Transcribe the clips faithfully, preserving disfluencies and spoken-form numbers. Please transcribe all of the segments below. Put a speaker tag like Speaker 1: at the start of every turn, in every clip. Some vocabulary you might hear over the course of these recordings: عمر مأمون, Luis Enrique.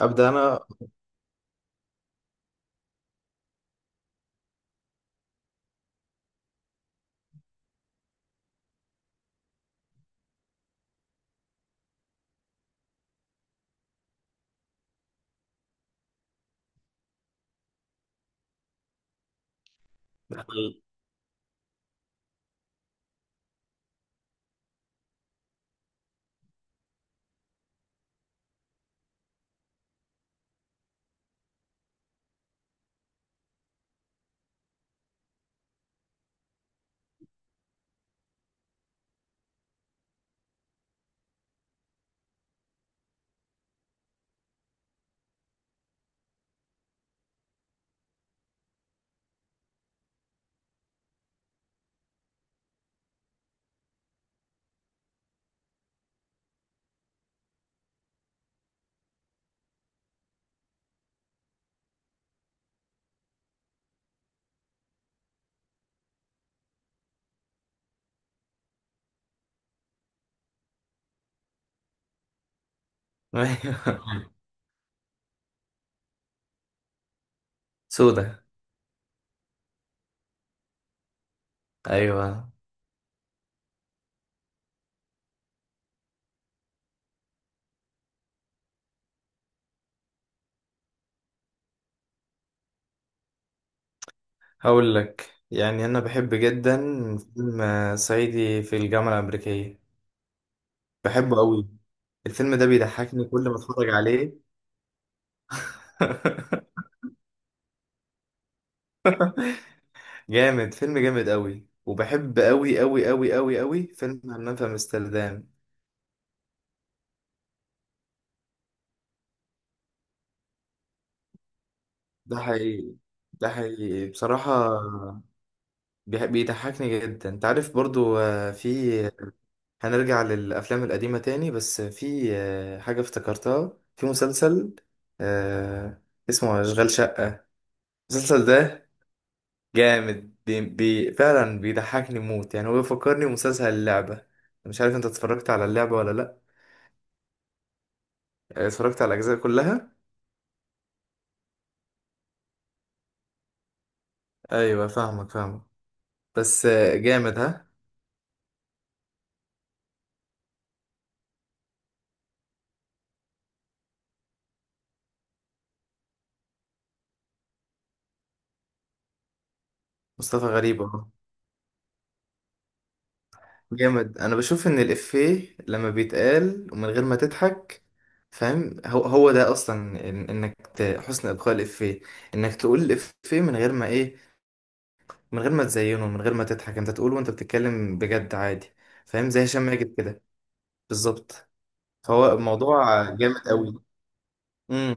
Speaker 1: أبدأ أنا. سودة. أيوة. هقول لك، يعني أنا بحب جدا فيلم صعيدي في الجامعة الأمريكية، بحبه أوي. الفيلم ده بيضحكني كل ما أتفرج عليه. جامد. فيلم جامد أوي، وبحب أوي أوي أوي أوي أوي فيلم همام في أمستردام. ده حقيقي، ده حقيقي بصراحة. بيح- بيضحكني جدا. أنت عارف برضو آه، في هنرجع للأفلام القديمة تاني، بس في آه، حاجة افتكرتها في مسلسل آه، اسمه أشغال شقة. المسلسل ده جامد، بي بي فعلا بيضحكني موت. يعني هو بيفكرني بمسلسل اللعبة، مش عارف انت اتفرجت على اللعبة ولا لأ؟ آه، اتفرجت على الأجزاء كلها. أيوة، فاهمك فاهمك. بس آه، جامد ها. مصطفى غريب اهو. جامد. أنا بشوف إن الإفيه لما بيتقال ومن غير ما تضحك، فاهم؟ هو هو ده اصلا، إن- انك ت- حسن ابقاء الافيه، انك تقول الافيه من غير ما ايه، من غير ما تزينه، من غير ما تضحك، انت تقول وانت بتتكلم بجد عادي، فاهم؟ زي هشام ماجد كده. بالظبط. فهو الموضوع جامد قوي. امم.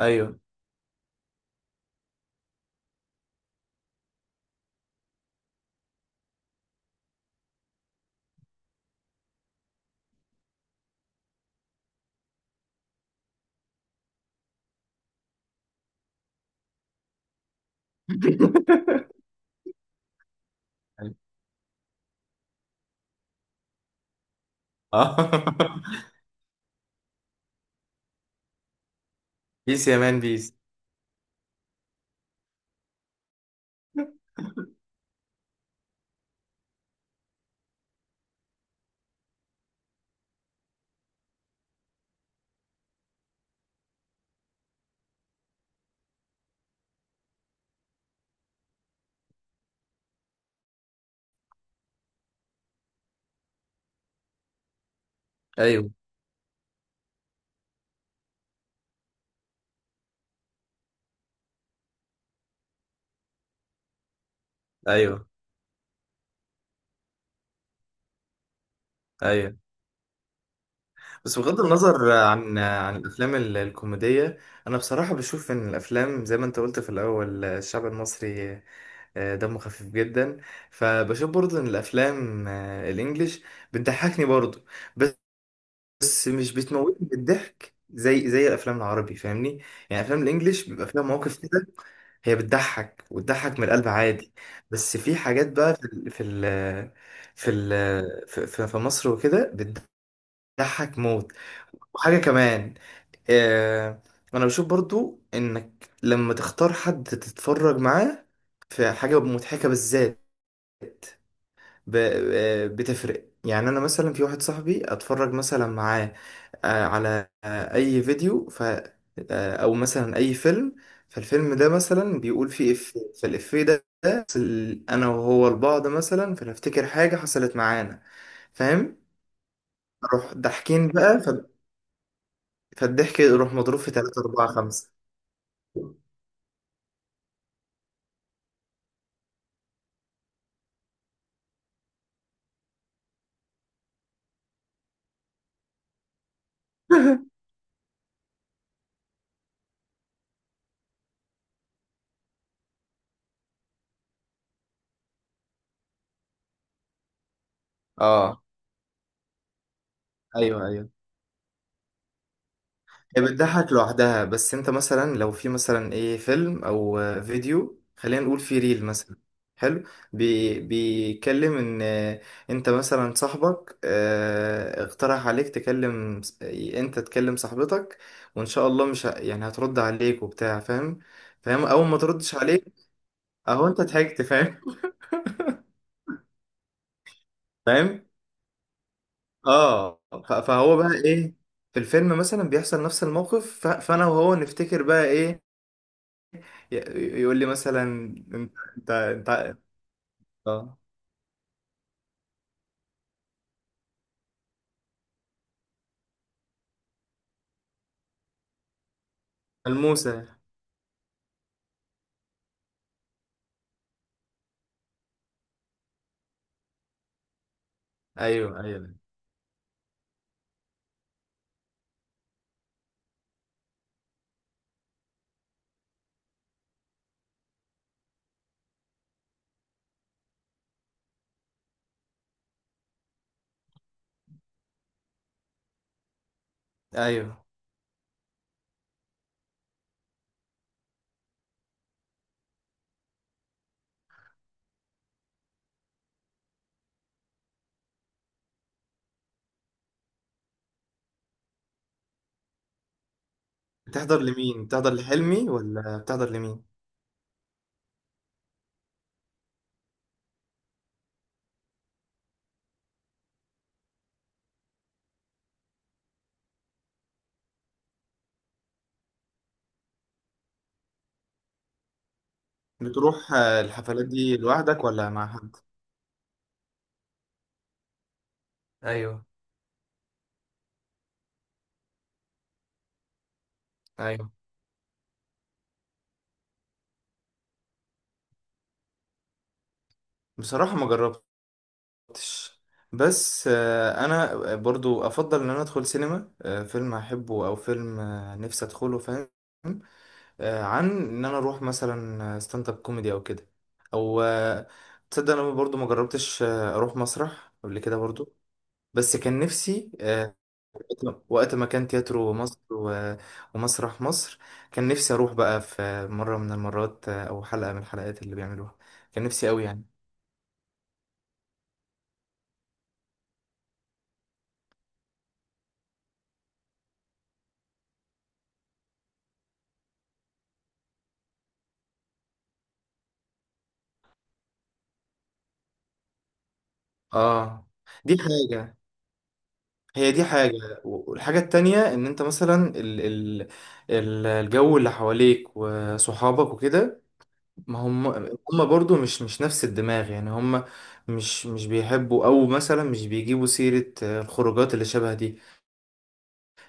Speaker 1: ايوه. أيوة. اه. بيس يا مان بيس. ايوه ايوه ايوه. بس بغض النظر عن عن الافلام ال- الكوميديه، انا بصراحه بشوف ان الافلام، زي ما انت قلت في الاول، الشعب المصري آه، دمه خفيف جدا. فبشوف برضو ان الافلام آه، الانجليش بتضحكني برضو، بس مش بتموتني بالضحك زي زي الافلام العربي، فاهمني؟ يعني افلام الانجليش بيبقى فيها مواقف كده، هي بتضحك وتضحك من القلب عادي. بس في حاجات بقى، في ال في ال في ال في, في في مصر وكده، بتضحك موت. وحاجه كمان، آه، انا بشوف برضو انك لما تختار حد تتفرج معاه في حاجة مضحكة بالذات، ب- آه، بتفرق يعني. انا مثلا في واحد صاحبي اتفرج مثلا معاه آه، على آه، اي فيديو، ف آه، او مثلا اي فيلم، فالفيلم ده مثلا بيقول فيه افيه، فالافيه ده ده حصل انا وهو لبعض مثلا، فنفتكر حاجة حصلت معانا، فاهم؟ نروح ضاحكين بقى، ف- فالضحك يروح مضروب في ثلاثة أربعة خمسة. اه، ايوه ايوه. هي بتضحك لوحدها، بس انت مثلا لو في مثلا ايه، فيلم او آه، فيديو، خلينا نقول في ريل مثلا حلو، بي بيتكلم ان آه، انت مثلا صاحبك آه، اقترح عليك تكلم س- انت تكلم صاحبتك، وان شاء الله مش ه- يعني هترد عليك وبتاع، فاهم؟ فاهم. اول ما تردش عليك اهو، انت ضحكت، فاهم؟ فاهم. اه، ف- فهو بقى ايه؟ في الفيلم مثلا بيحصل نفس الموقف، ف- فانا وهو نفتكر بقى ايه، ي- يقول لي مثلا، انت انت انت. اه، ملموسة. ايوه ايوه ايوه. بتحضر لمين؟ بتحضر لحلمي ولا بتحضر لمين؟ بتروح آه، الحفلات دي لوحدك ولا مع حد؟ ايوه ايوه. بصراحة، ما جربتش. بس آه، انا برضو افضل ان انا ادخل سينما آه، فيلم احبه، او فيلم آه، نفسي ادخله، فاهم؟ آه، عن ان انا اروح مثلا ستاند اب كوميدي او كده، او آه، تصدق انا برضو ما جربتش آه، اروح مسرح قبل كده برضو. بس كان نفسي آه، وقت ما كان تياترو مصر و- ومسرح مصر، كان نفسي اروح بقى في مرة من المرات آه، او حلقة من الحلقات اللي بيعملوها، كان نفسي قوي يعني. اه، دي حاجة. هي دي حاجة. والحاجة التانية ان انت مثلا، ال ال ال- الجو اللي حواليك وصحابك وكده، ما هم، هم برضو مش مش نفس الدماغ، يعني هم مش مش بيحبوا، او مثلا مش بيجيبوا سيرة آه، الخروجات اللي شبه دي،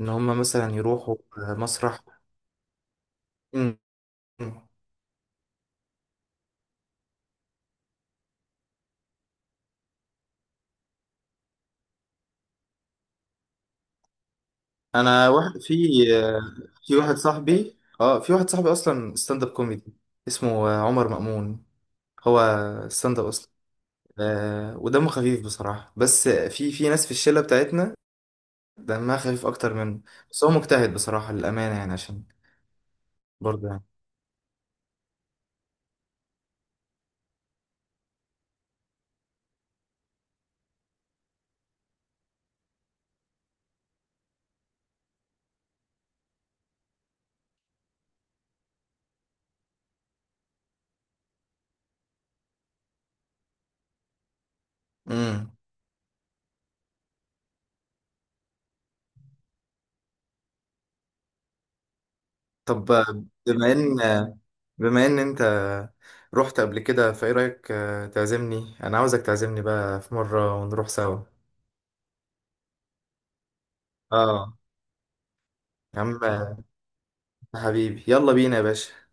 Speaker 1: ان هم مثلا يروحوا آه، مسرح. م- م. انا واحد في، آه، في واحد صاحبي، اه في واحد صاحبي اصلا ستاند اب كوميدي، اسمه آه، عمر مأمون. هو ستاند اب اصلا. آه ودمه خفيف بصراحة، بس في في ناس في الشلة بتاعتنا دمها خفيف اكتر منه. بس هو مجتهد بصراحة، للأمانة، يعني عشان برضه يعني مم. طب، آه، بما ان بما ان انت رحت قبل كده، فايه رأيك آه، تعزمني؟ انا عاوزك تعزمني بقى في مرة ونروح سوا. اه، يا عم حبيبي، يلا بينا يا باشا.